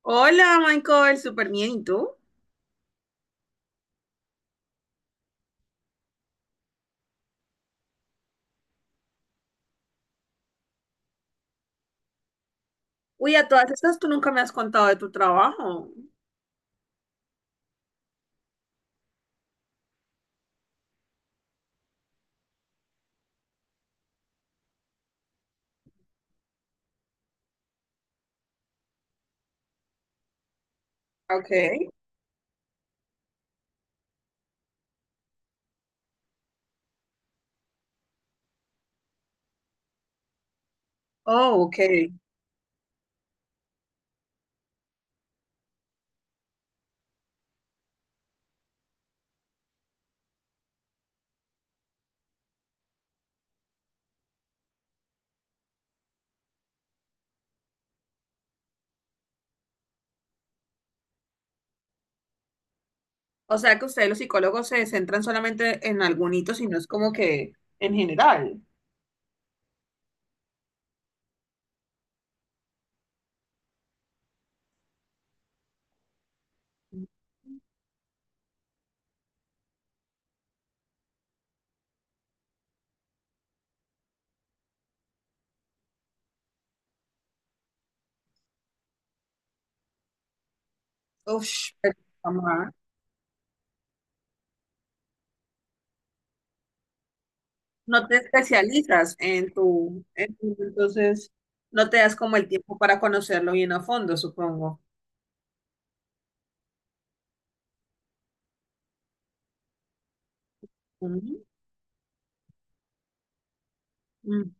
Hola, Michael, súper bien. ¿Y tú? Uy, a todas estas tú nunca me has contado de tu trabajo. Okay. Oh, ok. O sea que ustedes los psicólogos se centran solamente en algún hito, sino es como que en general. Ush, mamá. No te especializas en tu, entonces no te das como el tiempo para conocerlo bien a fondo, supongo. Ujú. Mm.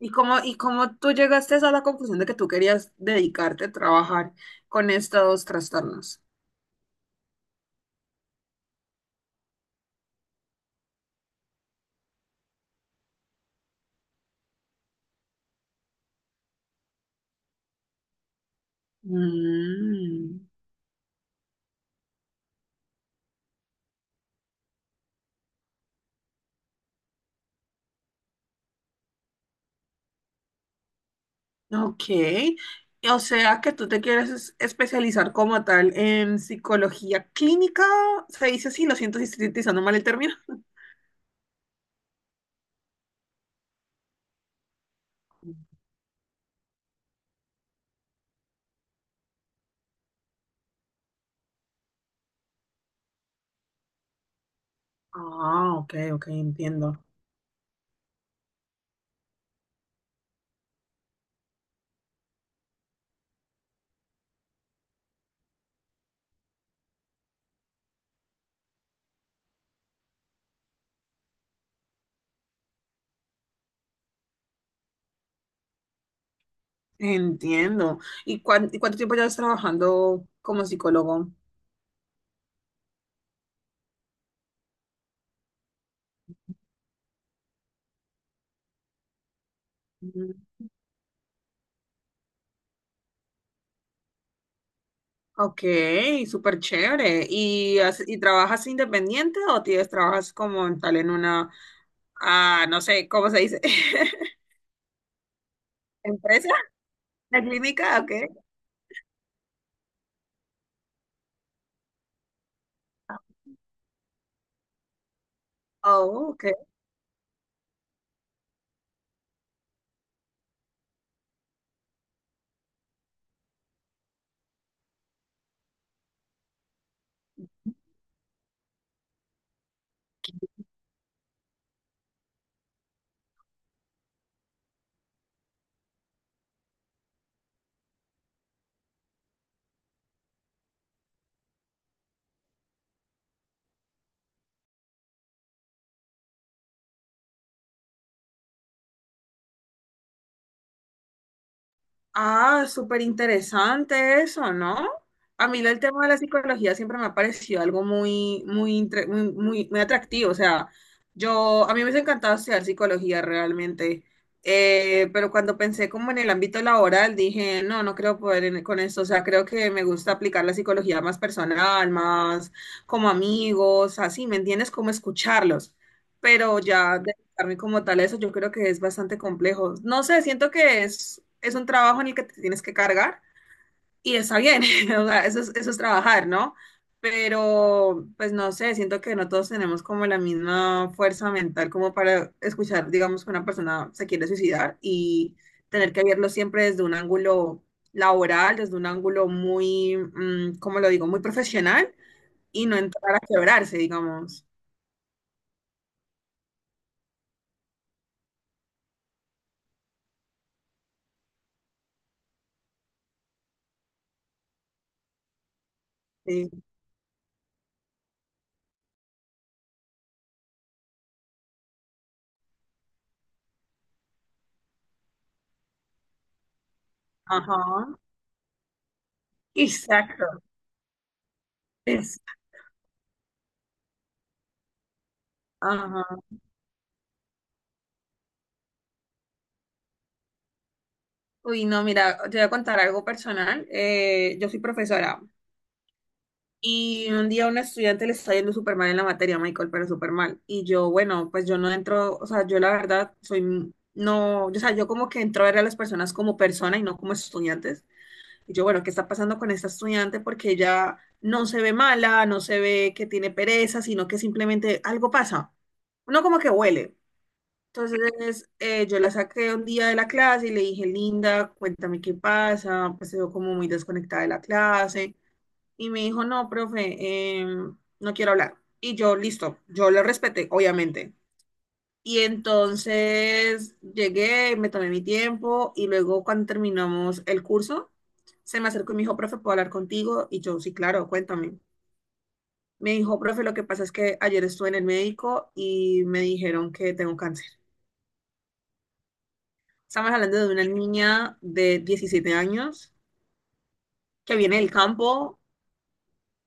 Y cómo tú llegaste a la conclusión de que tú querías dedicarte a trabajar con estos trastornos? Mm, ok. O sea que tú te quieres especializar como tal en psicología clínica. Se dice así, lo siento si estoy utilizando mal el término. Ah, ok, ok, entiendo. Entiendo. ¿Y, y cuánto tiempo llevas trabajando como psicólogo? Mm, ok, súper chévere. ¿Y, y trabajas independiente o tienes, trabajas como en tal en una, no sé, ¿cómo se dice? ¿Empresa? ¿La clínica? Ok. Oh, ok. Ah, súper interesante eso, ¿no? A mí el tema de la psicología siempre me ha parecido algo muy, muy, muy, muy, muy atractivo. O sea, yo, a mí me hubiese encantado estudiar psicología realmente. Pero cuando pensé como en el ámbito laboral, dije, no, no creo poder con esto. O sea, creo que me gusta aplicar la psicología más personal, más como amigos, así, ¿me entiendes? Como escucharlos. Pero ya mí como tal a eso, yo creo que es bastante complejo. No sé, siento que es un trabajo en el que te tienes que cargar y está bien, o sea, eso es trabajar, ¿no? Pero, pues no sé, siento que no todos tenemos como la misma fuerza mental como para escuchar, digamos, que una persona se quiere suicidar y tener que verlo siempre desde un ángulo laboral, desde un ángulo muy, ¿cómo lo digo?, muy profesional y no entrar a quebrarse, digamos. Sí. Ajá. Exacto. Ajá. Uy, no, mira, te voy a contar algo personal. Yo soy profesora y un día a un estudiante le está yendo súper mal en la materia, Michael, pero súper mal. Y yo, bueno, pues yo no entro, o sea, yo la verdad soy, no, o sea, yo como que entro a ver a las personas como persona y no como estudiantes. Y yo, bueno, ¿qué está pasando con esta estudiante? Porque ella no se ve mala, no se ve que tiene pereza, sino que simplemente algo pasa. Uno como que huele. Entonces, yo la saqué un día de la clase y le dije, Linda, cuéntame qué pasa, pues se veo como muy desconectada de la clase. Y me dijo, no, profe, no quiero hablar. Y yo, listo, yo le respeté, obviamente. Y entonces llegué, me tomé mi tiempo y luego cuando terminamos el curso, se me acercó y me dijo, profe, ¿puedo hablar contigo? Y yo, sí, claro, cuéntame. Me dijo, profe, lo que pasa es que ayer estuve en el médico y me dijeron que tengo cáncer. Estamos hablando de una niña de 17 años que viene del campo.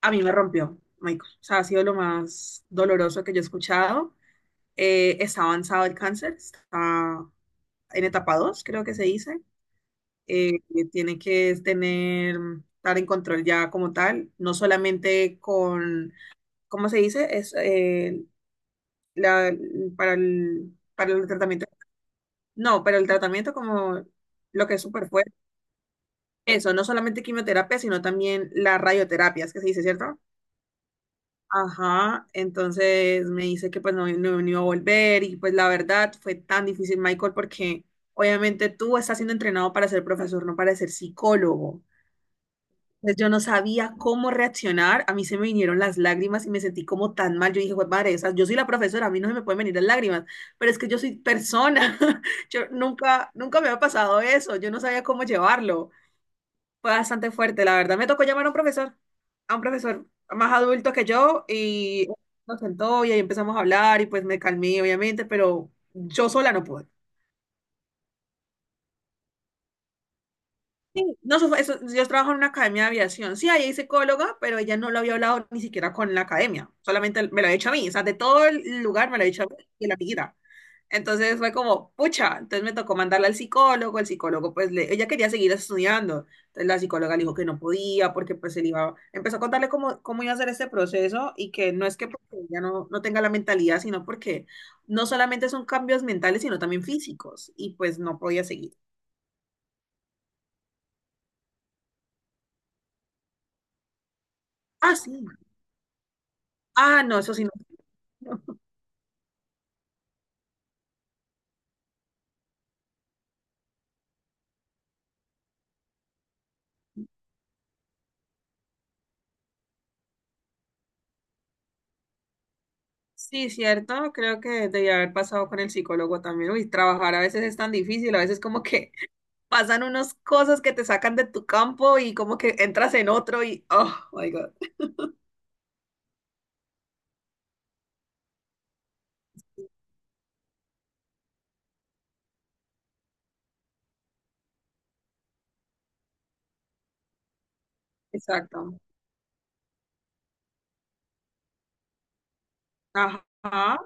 A mí me rompió, Michael. O sea, ha sido lo más doloroso que yo he escuchado. Está avanzado el cáncer, está en etapa 2, creo que se dice. Eh, Tiene que tener, estar en control ya como tal, no solamente con, ¿cómo se dice? Es la- para el tratamiento. No, pero el tratamiento como lo que es súper. Eso, no solamente quimioterapia, sino también la radioterapia es que se dice, ¿cierto? Ajá, entonces me dice que pues no, no, no iba a volver y pues la verdad fue tan difícil, Michael, porque obviamente tú estás siendo entrenado para ser profesor, no para ser psicólogo. Entonces yo no sabía cómo reaccionar, a mí se me vinieron las lágrimas y me sentí como tan mal. Yo dije, pues madre, o sea, yo soy la profesora, a mí no se me pueden venir las lágrimas, pero es que yo soy persona, yo nunca, nunca me había pasado eso, yo no sabía cómo llevarlo. Fue bastante fuerte, la verdad. Me tocó llamar a un profesor más adulto que yo y nos sentó y ahí empezamos a hablar y pues me calmé, obviamente, pero yo sola no pude. Sí, no, yo trabajo en una academia de aviación. Sí, ahí hay psicóloga, pero ella no lo había hablado ni siquiera con la academia. Solamente me lo había hecho a mí. O sea, de todo el lugar me lo había hecho a mí y la amiguita. Entonces fue como, pucha, entonces me tocó mandarla al psicólogo, el psicólogo pues le, ella quería seguir estudiando, entonces la psicóloga le dijo que no podía porque pues él iba, empezó a contarle cómo, cómo iba a hacer este proceso y que no es que porque ella no, no tenga la mentalidad, sino porque no solamente son cambios mentales, sino también físicos y pues no podía seguir. Ah, sí. Ah, no, eso sí no. Sí, cierto, creo que debía haber pasado con el psicólogo también. Uy, trabajar a veces es tan difícil, a veces como que pasan unas cosas que te sacan de tu campo y como que entras en otro y, oh, my God. Exacto. Ajá,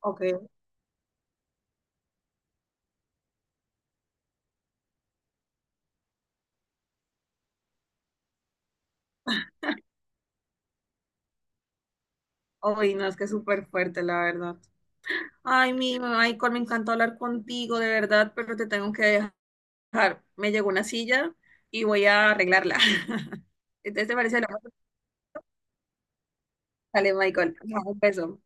ok. Ay, no, es que es súper fuerte, la verdad. Ay, mi Michael, me encantó hablar contigo, de verdad, pero te tengo que dejar. Me llegó una silla y voy a arreglarla. Entonces, ¿te parece? Lo dale, Michael. Ajá, un beso.